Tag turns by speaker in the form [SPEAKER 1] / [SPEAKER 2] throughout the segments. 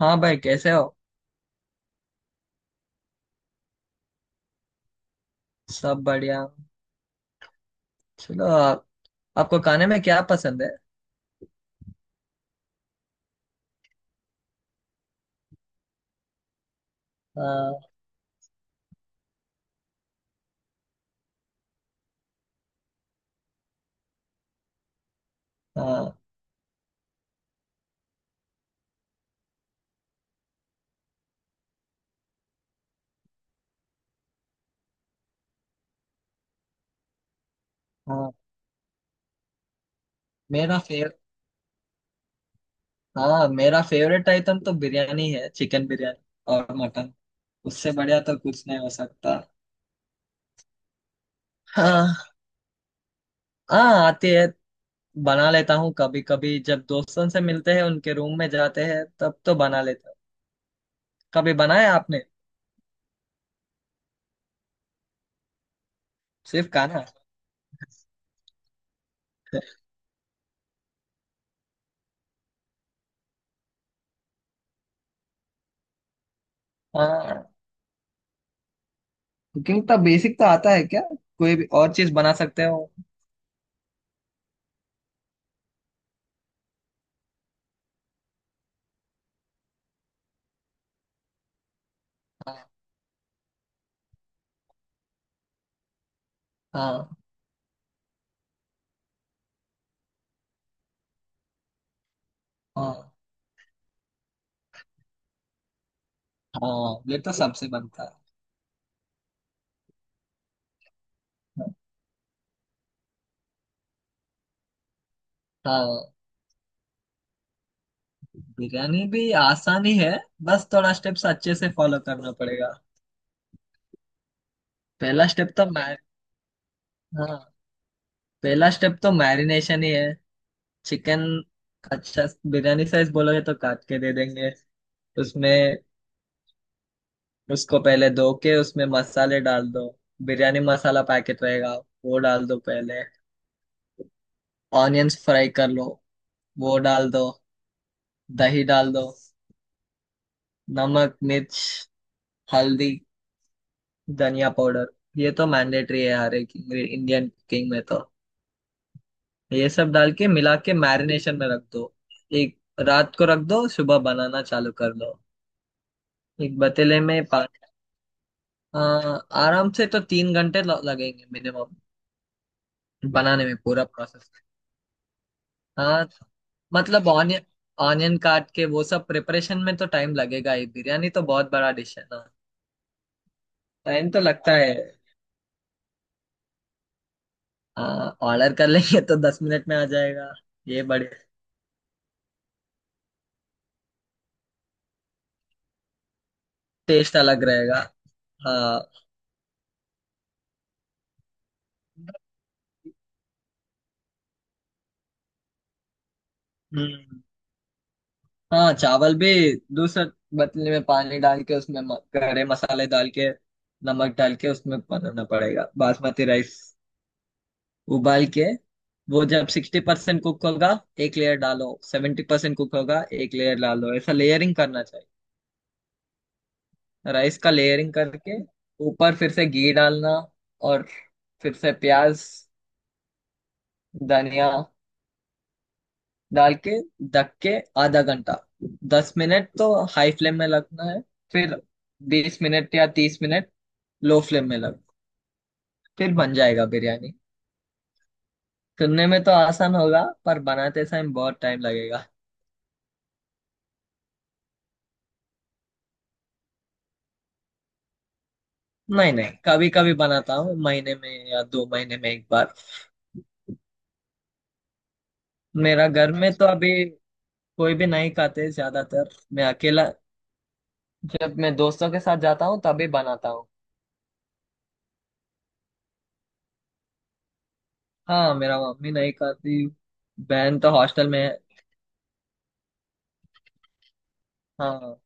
[SPEAKER 1] हाँ भाई, कैसे हो? सब बढ़िया। चलो, आपको खाने में क्या पसंद है? हाँ। हाँ। हाँ मेरा फेव हाँ, मेरा फेवरेट आइटम तो बिरयानी है, चिकन बिरयानी। और मटन। उससे बढ़िया तो कुछ नहीं हो सकता। हाँ, हाँ, आती है। बना लेता हूँ कभी कभी, जब दोस्तों से मिलते हैं, उनके रूम में जाते हैं तब तो बना लेता हूँ। कभी बनाया आपने? सिर्फ खाना? हाँ, कुकिंग तो बेसिक तो आता है क्या? कोई भी और चीज बना सकते हो? हाँ, हाँ। हाँ, हाँ, ये तो सबसे बनता है। हाँ, बिरयानी भी आसान ही है। बस थोड़ा स्टेप्स अच्छे से फॉलो करना पड़ेगा। पहला स्टेप तो मैर हाँ, पहला स्टेप तो मैरिनेशन ही है। चिकन। अच्छा। बिरयानी साइज बोलोगे तो काट के दे देंगे उसमें। उसको पहले धो के उसमें मसाले डाल दो। बिरयानी मसाला पैकेट रहेगा, वो डाल दो पहले। ऑनियंस फ्राई कर लो, वो डाल दो। दही डाल दो, नमक, मिर्च, हल्दी, धनिया पाउडर, ये तो मैंडेटरी है हर एक इंडियन कुकिंग में। तो ये सब डाल के, मिला के मैरिनेशन में रख दो। एक रात को रख दो, सुबह बनाना चालू कर दो। एक पतीले में पानी। आ, आराम से तो 3 घंटे लगेंगे मिनिमम, बनाने में पूरा प्रोसेस। हाँ, मतलब ऑनियन ऑनियन काट के वो सब प्रिपरेशन में तो टाइम लगेगा ही। बिरयानी तो बहुत बड़ा डिश है ना। टाइम तो लगता है। हाँ, ऑर्डर कर लेंगे तो 10 मिनट में आ जाएगा। ये बड़े। टेस्ट अलग रहेगा। हाँ। हम्म। हाँ, चावल भी दूसरे बतले में पानी डाल के, उसमें गरे मसाले डाल के, नमक डाल के उसमें बनाना पड़ेगा बासमती राइस, उबाल के। वो जब 60% कुक होगा एक लेयर डालो, 70% कुक होगा एक लेयर डालो। ऐसा लेयरिंग करना चाहिए राइस का। लेयरिंग करके ऊपर फिर से घी डालना, और फिर से प्याज, धनिया डाल के, ढक के आधा घंटा। 10 मिनट तो हाई फ्लेम में लगना है, फिर 20 मिनट या 30 मिनट लो फ्लेम में लग। फिर बन जाएगा बिरयानी। सुनने में तो आसान होगा पर बनाते समय बहुत टाइम लगेगा। नहीं, नहीं, कभी कभी बनाता हूँ, महीने में या 2 महीने में एक बार। मेरा घर में तो अभी कोई भी नहीं खाते, ज्यादातर मैं अकेला। जब मैं दोस्तों के साथ जाता हूँ तभी बनाता हूँ। हाँ, मेरा मम्मी नहीं खाती। बहन तो हॉस्टल में है। हाँ,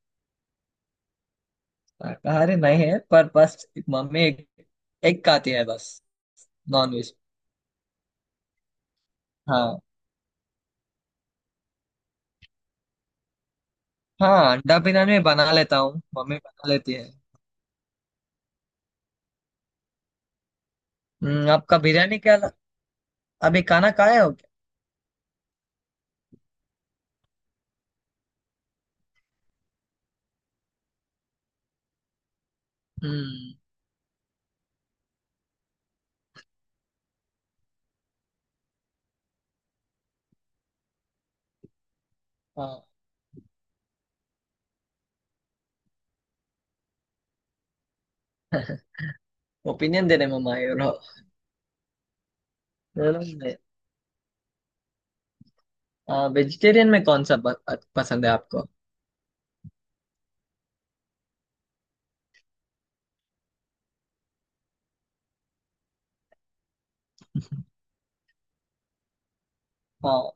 [SPEAKER 1] शाकाहारी नहीं है पर बस मम्मी एक खाती है बस, नॉनवेज। हाँ, हाँ, अंडा बिरयानी मैं बना लेता हूँ, मम्मी बना लेती है। आपका बिरयानी क्या अभी खाना खाए हो क्या? हम्म। हाँ। ओपिनियन देने में माहिर हो। चलो, वेजिटेरियन में कौन सा पसंद है आपको? हाँ,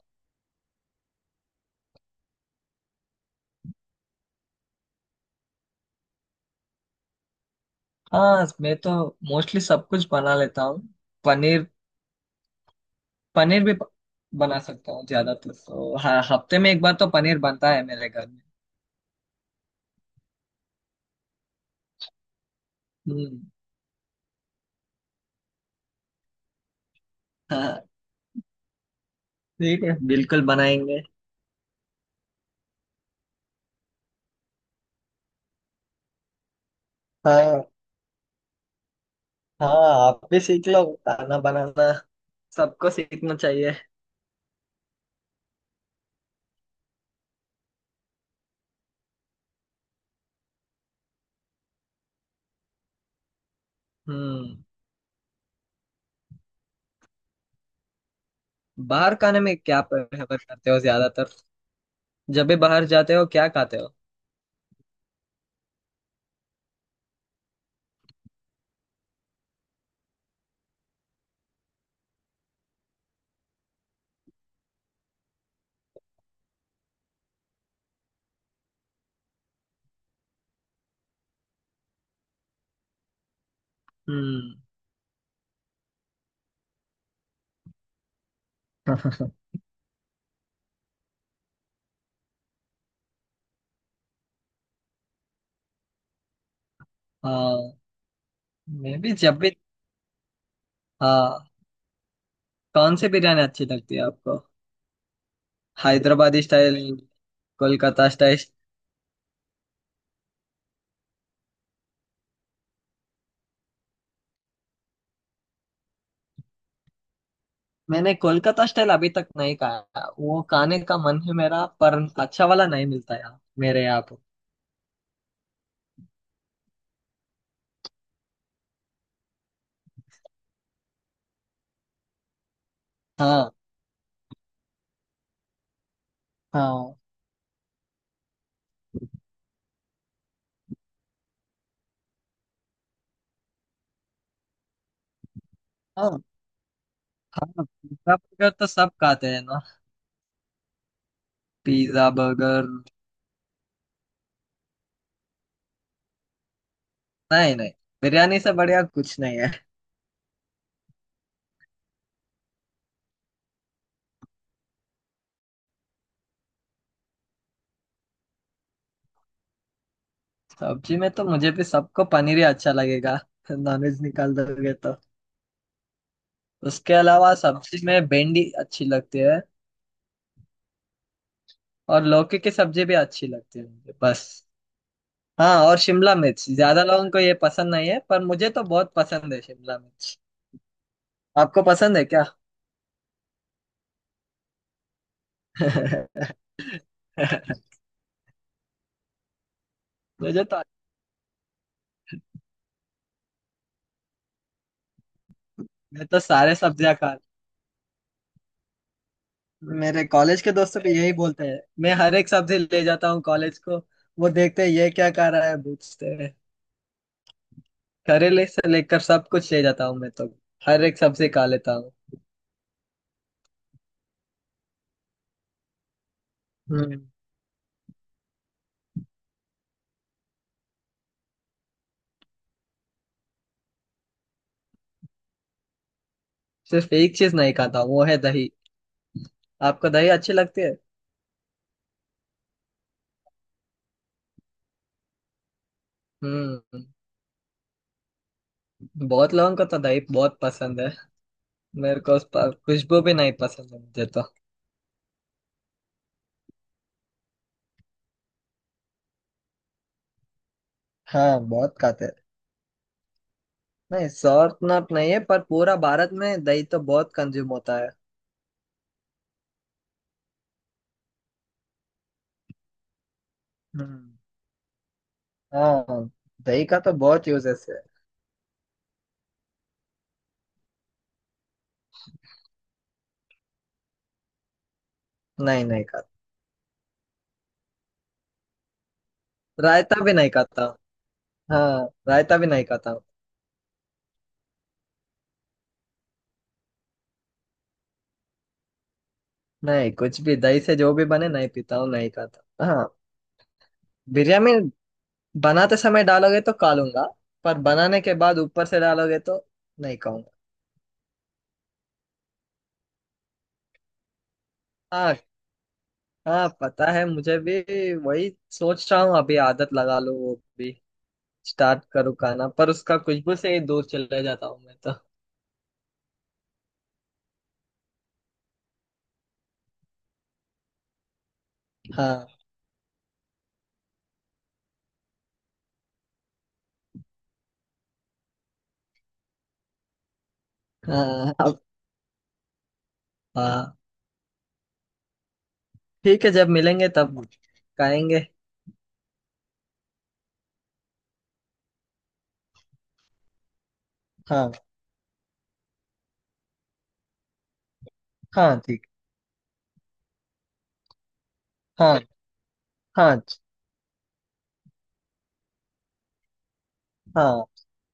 [SPEAKER 1] हाँ, मैं तो मोस्टली सब कुछ बना लेता हूँ। पनीर। पनीर भी बना सकता हूँ ज्यादातर, तो हाँ, हफ्ते में एक बार तो पनीर बनता है मेरे घर में। हम्म, हाँ, ठीक है, बिल्कुल बनाएंगे। हाँ, हाँ, आप भी सीख लो खाना बनाना, सबको सीखना चाहिए। हम्म, बाहर खाने में क्या प्रेफर करते हो ज्यादातर? जब भी बाहर जाते हो क्या खाते हो? हम्म। हाँ, मैं भी जब भी। हाँ, कौन सी बिरयानी अच्छी लगती है आपको? हैदराबादी स्टाइल? कोलकाता स्टाइल? मैंने कोलकाता स्टाइल अभी तक नहीं खाया, वो खाने का मन है मेरा, पर अच्छा वाला नहीं मिलता यार मेरे यहाँ पर। हाँ, हाँ। हाँ, हाँ, पिज्जा बर्गर तो सब खाते हैं ना। Pizza burger. नहीं, नहीं, बिरयानी से बढ़िया कुछ नहीं है। सब्जी में तो मुझे भी, सबको पनीर ही अच्छा लगेगा, नॉनवेज निकाल दोगे तो। उसके अलावा सब्जी में भिंडी अच्छी लगती है, और लौकी की सब्जी भी अच्छी लगती है मुझे बस। हाँ, और शिमला मिर्च ज्यादा लोगों को ये पसंद नहीं है, पर मुझे तो बहुत पसंद है शिमला मिर्च। आपको पसंद है क्या? मुझे तो। मैं तो सारे सब्जियां खा। मेरे कॉलेज के दोस्तों भी यही बोलते हैं, मैं हर एक सब्जी ले जाता हूँ कॉलेज को। वो देखते हैं ये क्या खा रहा है, पूछते हैं। करेले से लेकर सब कुछ ले जाता हूँ मैं तो। हर एक सब्जी खा लेता हूँ। हम्म, सिर्फ एक चीज नहीं खाता, वो है दही। आपको दही अच्छी लगती है? हम्म। बहुत लोगों को तो दही बहुत पसंद है। मेरे को उस पर खुशबू भी नहीं पसंद है मुझे तो। हाँ, बहुत खाते हैं। नहीं, सॉर्थ नॉट नहीं है, पर पूरा भारत में दही तो बहुत कंज्यूम होता है। हम्म, हाँ, दही का तो बहुत यूजेस है। नहीं, नहीं खाता। रायता भी नहीं खाता। हाँ, रायता भी नहीं खाता हूँ। नहीं, कुछ भी दही से जो भी बने नहीं पीता हूँ, नहीं खाता। हाँ, बिरयानी बनाते समय डालोगे तो खा लूंगा, पर बनाने के बाद ऊपर से डालोगे तो नहीं खाऊंगा। हाँ, हाँ, पता है मुझे भी। वही सोच रहा हूँ अभी, आदत लगा लूँ वो भी, स्टार्ट करूँ खाना, पर उसका खुशबू से ही दूर चले जाता हूँ मैं तो। हाँ, हाँ, अब। हाँ, ठीक है, जब मिलेंगे तब खाएंगे। हाँ, हाँ, ठीक। हाँ, हाँ, हाँ।